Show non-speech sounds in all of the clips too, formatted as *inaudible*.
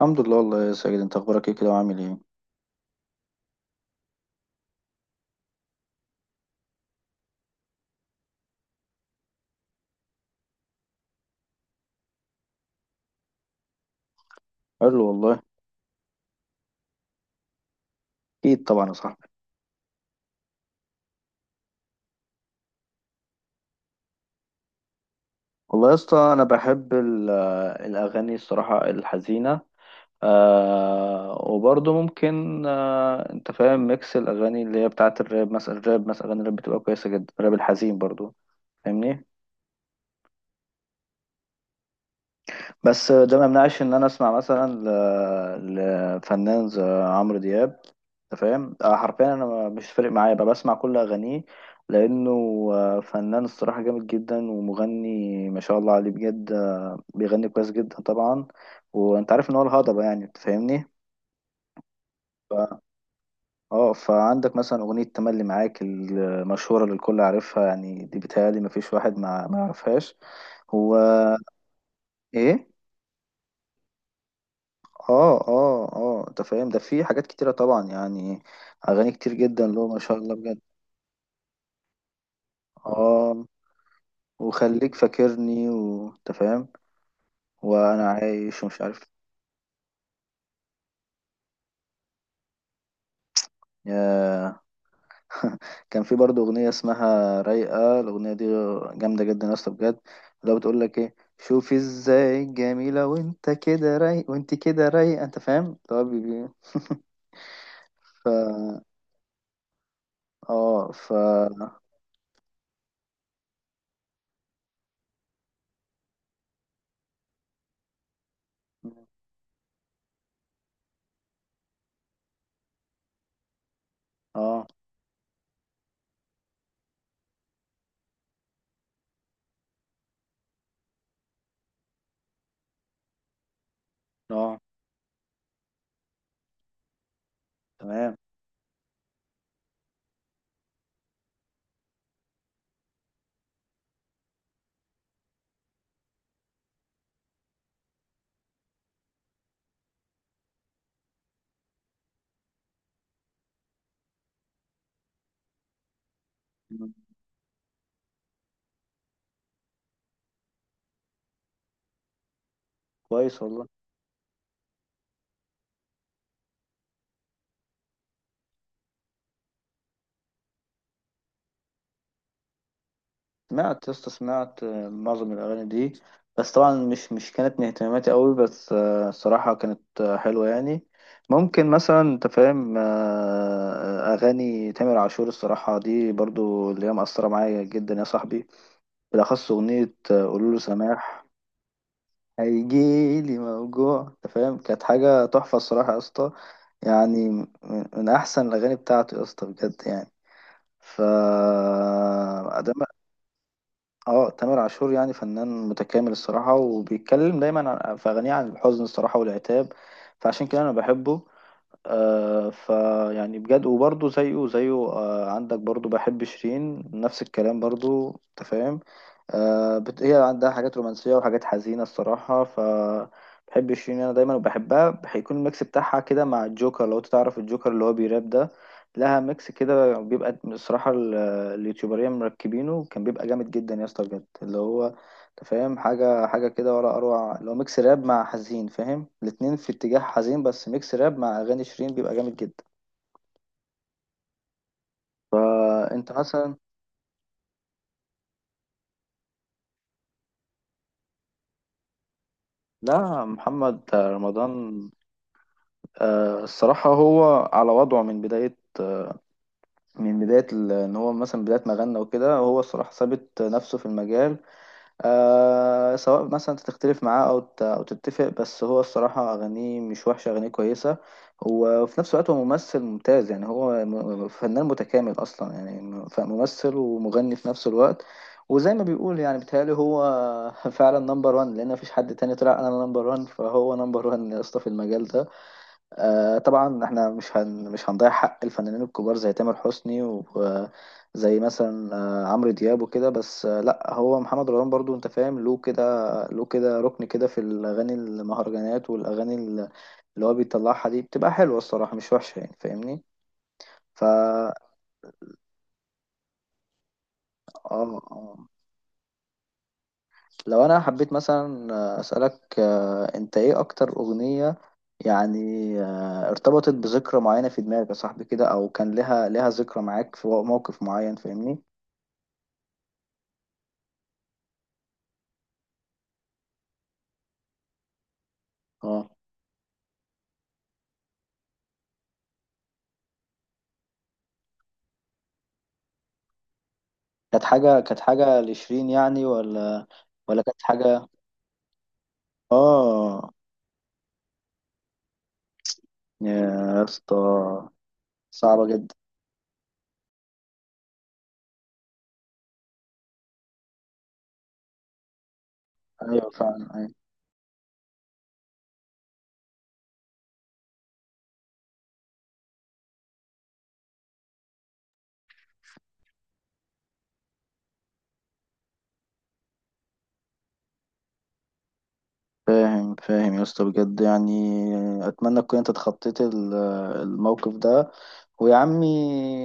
الحمد لله والله يا ساجد، انت اخبارك ايه كده وعامل ايه؟ قال له والله. اكيد طبعا يا صاحبي. والله يا اسطى انا بحب الاغاني الصراحه الحزينه. آه، وبرضه ممكن انت فاهم، ميكس الاغاني اللي هي بتاعه الراب مثلا. اغاني الراب بتبقى كويسه جدا، الراب الحزين برضه، فاهمني؟ بس ده ما يمنعش ان انا اسمع مثلا لفنان زي عمرو دياب. انت فاهم، حرفيا انا مش فارق معايا، بقى بسمع كل اغانيه، لانه فنان الصراحه جامد جدا، ومغني ما شاء الله عليه بجد، بيغني كويس جدا طبعا. وانت عارف ان هو الهضبه، يعني انت فاهمني. ف... اه، فعندك مثلا اغنيه تملي معاك المشهوره اللي الكل عارفها، يعني دي بتهيألي ما فيش واحد ما يعرفهاش. هو ايه؟ اه اه اه، انت فاهم، ده في حاجات كتيرة طبعا يعني، اغاني كتير جدا له ما شاء الله بجد. اه، وخليك فاكرني، وانت فاهم، وانا عايش ومش عارف. يا، كان في برضه اغنية اسمها رايقة، الاغنية دي جامدة جدا يا اسطى بجد. لو بتقول لك ايه، شوفي ازاي جميلة وانت كده رايق وانت كده رايقة، انت فاهم اللي هو *laughs* ف اه ف اه اه تمام. كويس والله. سمعت يا اسطى سمعت معظم الأغاني دي، بس طبعا مش كانت من اهتماماتي قوي، بس الصراحة كانت حلوة يعني. ممكن مثلا أنت فاهم، أغاني تامر عاشور الصراحة دي برضو اللي هي مأثرة معايا جدا يا صاحبي. بالأخص أغنية قولوله سماح. هيجيلي موجوع، أنت فاهم، كانت حاجة تحفة الصراحة يا اسطى. يعني من أحسن الأغاني بتاعته يا اسطى بجد يعني. ف اه تامر عاشور يعني فنان متكامل الصراحة، وبيتكلم دايما في أغانيه عن الحزن الصراحة والعتاب، فعشان كده أنا بحبه. آه، فيعني بجد. وبرضه زيه آه، عندك برضه، بحب شيرين نفس الكلام برضه، انت فاهم. هي عندها حاجات رومانسية وحاجات حزينة الصراحة. ف بحب شيرين أنا دايما، وبحبها. هيكون الميكس بتاعها كده مع الجوكر، لو أنت تعرف الجوكر اللي هو بيراب ده، لها ميكس كده بيبقى الصراحة اليوتيوبرية مركبينه، كان بيبقى جامد جدا يا اسطى بجد. اللي هو انت فاهم، حاجة كده ولا أروع، لو ميكس راب مع حزين، فاهم الاتنين في اتجاه حزين، بس ميكس راب مع أغاني شيرين بيبقى جامد جدا. فأنت مثلا. لا، محمد رمضان الصراحة هو على وضعه من بداية، إن هو مثلا بداية ما غنى وكده، هو الصراحة ثابت نفسه في المجال. آه، سواء مثلا تختلف معاه او تتفق، بس هو الصراحه اغانيه مش وحشه، اغانيه كويسه. وفي نفس الوقت هو ممثل ممتاز، يعني هو فنان متكامل اصلا، يعني فممثل ومغني في نفس الوقت. وزي ما بيقول، يعني بيتهيألي هو *laughs* فعلا نمبر وان، لان مفيش حد تاني طلع انا نمبر وان، فهو نمبر وان يا اسطى في المجال ده. آه طبعا احنا مش هنضيع حق الفنانين الكبار زي تامر حسني وزي مثلا آه، عمرو دياب وكده، بس آه، لا هو محمد رمضان برضو انت فاهم، له كده، ركن كده في الاغاني المهرجانات والاغاني اللي هو بيطلعها دي، بتبقى حلوه الصراحه مش وحشه، يعني فاهمني. فا اه آه. لو انا حبيت مثلا اسالك، انت ايه اكتر اغنيه يعني ارتبطت بذكرى معينه في دماغك يا صاحبي كده، او كان لها ذكرى معاك في موقف معين، فاهمني. اه، كانت حاجه لشيرين يعني ولا؟ ولا كانت حاجه؟ اه يا اسطى، صعبه جدا. ايوه فعلا أيوة. فاهم فاهم يا اسطى بجد يعني. اتمنى تكون انت اتخطيت الموقف ده. ويا عمي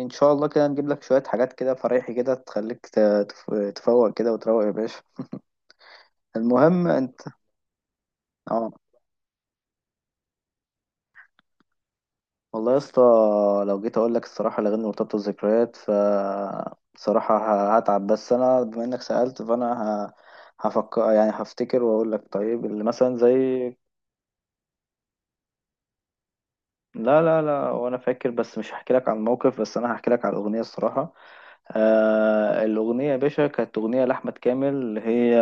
ان شاء الله كده نجيب لك شوية حاجات كده فريحي كده، تخليك تفوق كده وتروق يا باشا. المهم انت. اه، والله يا اسطى لو جيت اقول لك الصراحة الاغاني مرتبطة بالذكريات، ف بصراحة هتعب، بس انا بما انك سألت فانا هفكر يعني هفتكر، واقول لك طيب اللي مثلا زي. لا لا لا، وانا فاكر، بس مش هحكي لك عن الموقف، بس انا هحكي لك على الاغنية الصراحة. آه، الأغنية يا باشا كانت أغنية لأحمد كامل، هي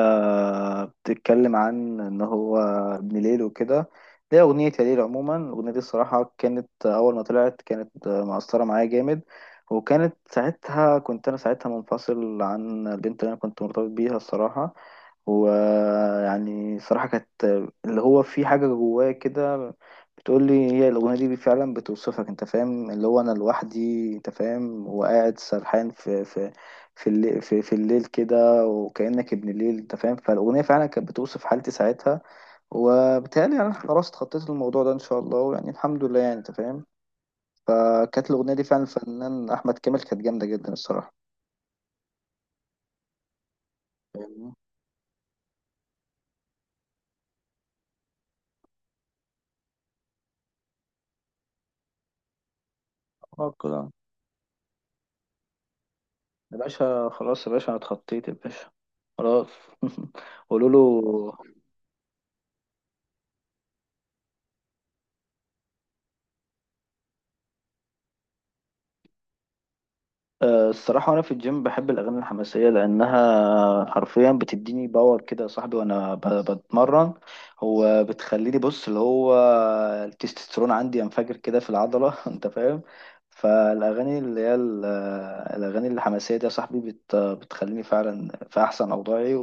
بتتكلم عن إن هو ابن ليل وكده، دي أغنية يا ليل عموما. الأغنية دي الصراحة كانت أول ما طلعت كانت مأثرة معايا جامد. وكانت ساعتها، كنت أنا ساعتها منفصل عن البنت اللي أنا كنت مرتبط بيها الصراحة. ويعني صراحة كانت اللي هو في حاجة جوايا كده بتقول لي هي الأغنية دي، فعلا بتوصفك، انت فاهم، اللي هو انا لوحدي، انت فاهم، وقاعد سرحان في في الليل، في الليل كده، وكأنك ابن الليل، انت فاهم. فالأغنية فعلا كانت بتوصف حالتي ساعتها. وبالتالي انا خلاص اتخطيت الموضوع ده ان شاء الله، يعني الحمد لله يعني، انت فاهم. فكانت الأغنية دي فعلا، الفنان أحمد كامل، كانت جامدة جدا الصراحة. فاهمني؟ اه كده يا باشا، خلاص يا باشا، انا اتخطيت يا باشا، خلاص. *laughs* قولوا له. أه، الصراحة أنا في الجيم بحب الأغاني الحماسية، لأنها حرفيا بتديني باور كده يا صاحبي وأنا بتمرن. هو بتخليني، بص اللي هو التستوستيرون عندي ينفجر كده في العضلة *laughs* أنت فاهم، فالأغاني اللي هي الأغاني الحماسية دي يا صاحبي بتخليني فعلا في أحسن أوضاعي.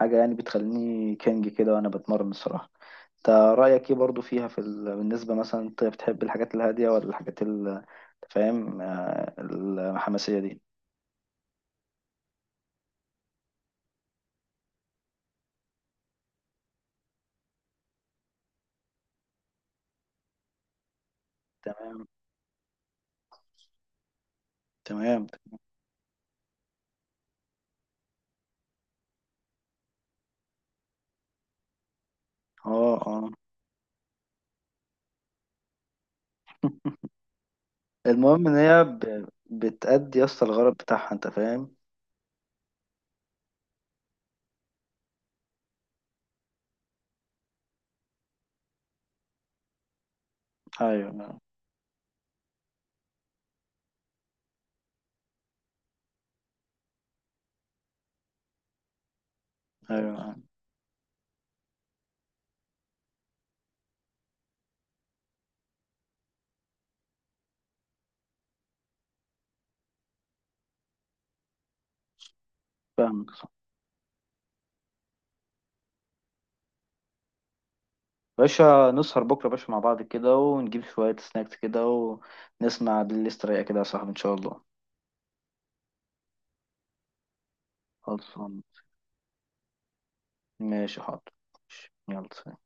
حاجة يعني بتخليني كينج كده وأنا بتمرن الصراحة. أنت رأيك إيه برضو فيها في بالنسبة مثلا أنت بتحب الحاجات الهادية ولا الحاجات أنت فاهم، الحماسية دي؟ تمام. تمام. اه اه. *laughs* المهم إن بتأدي يا اسطى الغرض بتاعها، أنت فاهم. أيوه أيوه، فاهمك صح. باشا نسهر بكرة يا باشا مع بعض كده، ونجيب شوية سناكس كده، ونسمع بالليست رايقة كده يا صاحبي إن شاء الله. خلصان، ماشي حاضر، يلا سلام.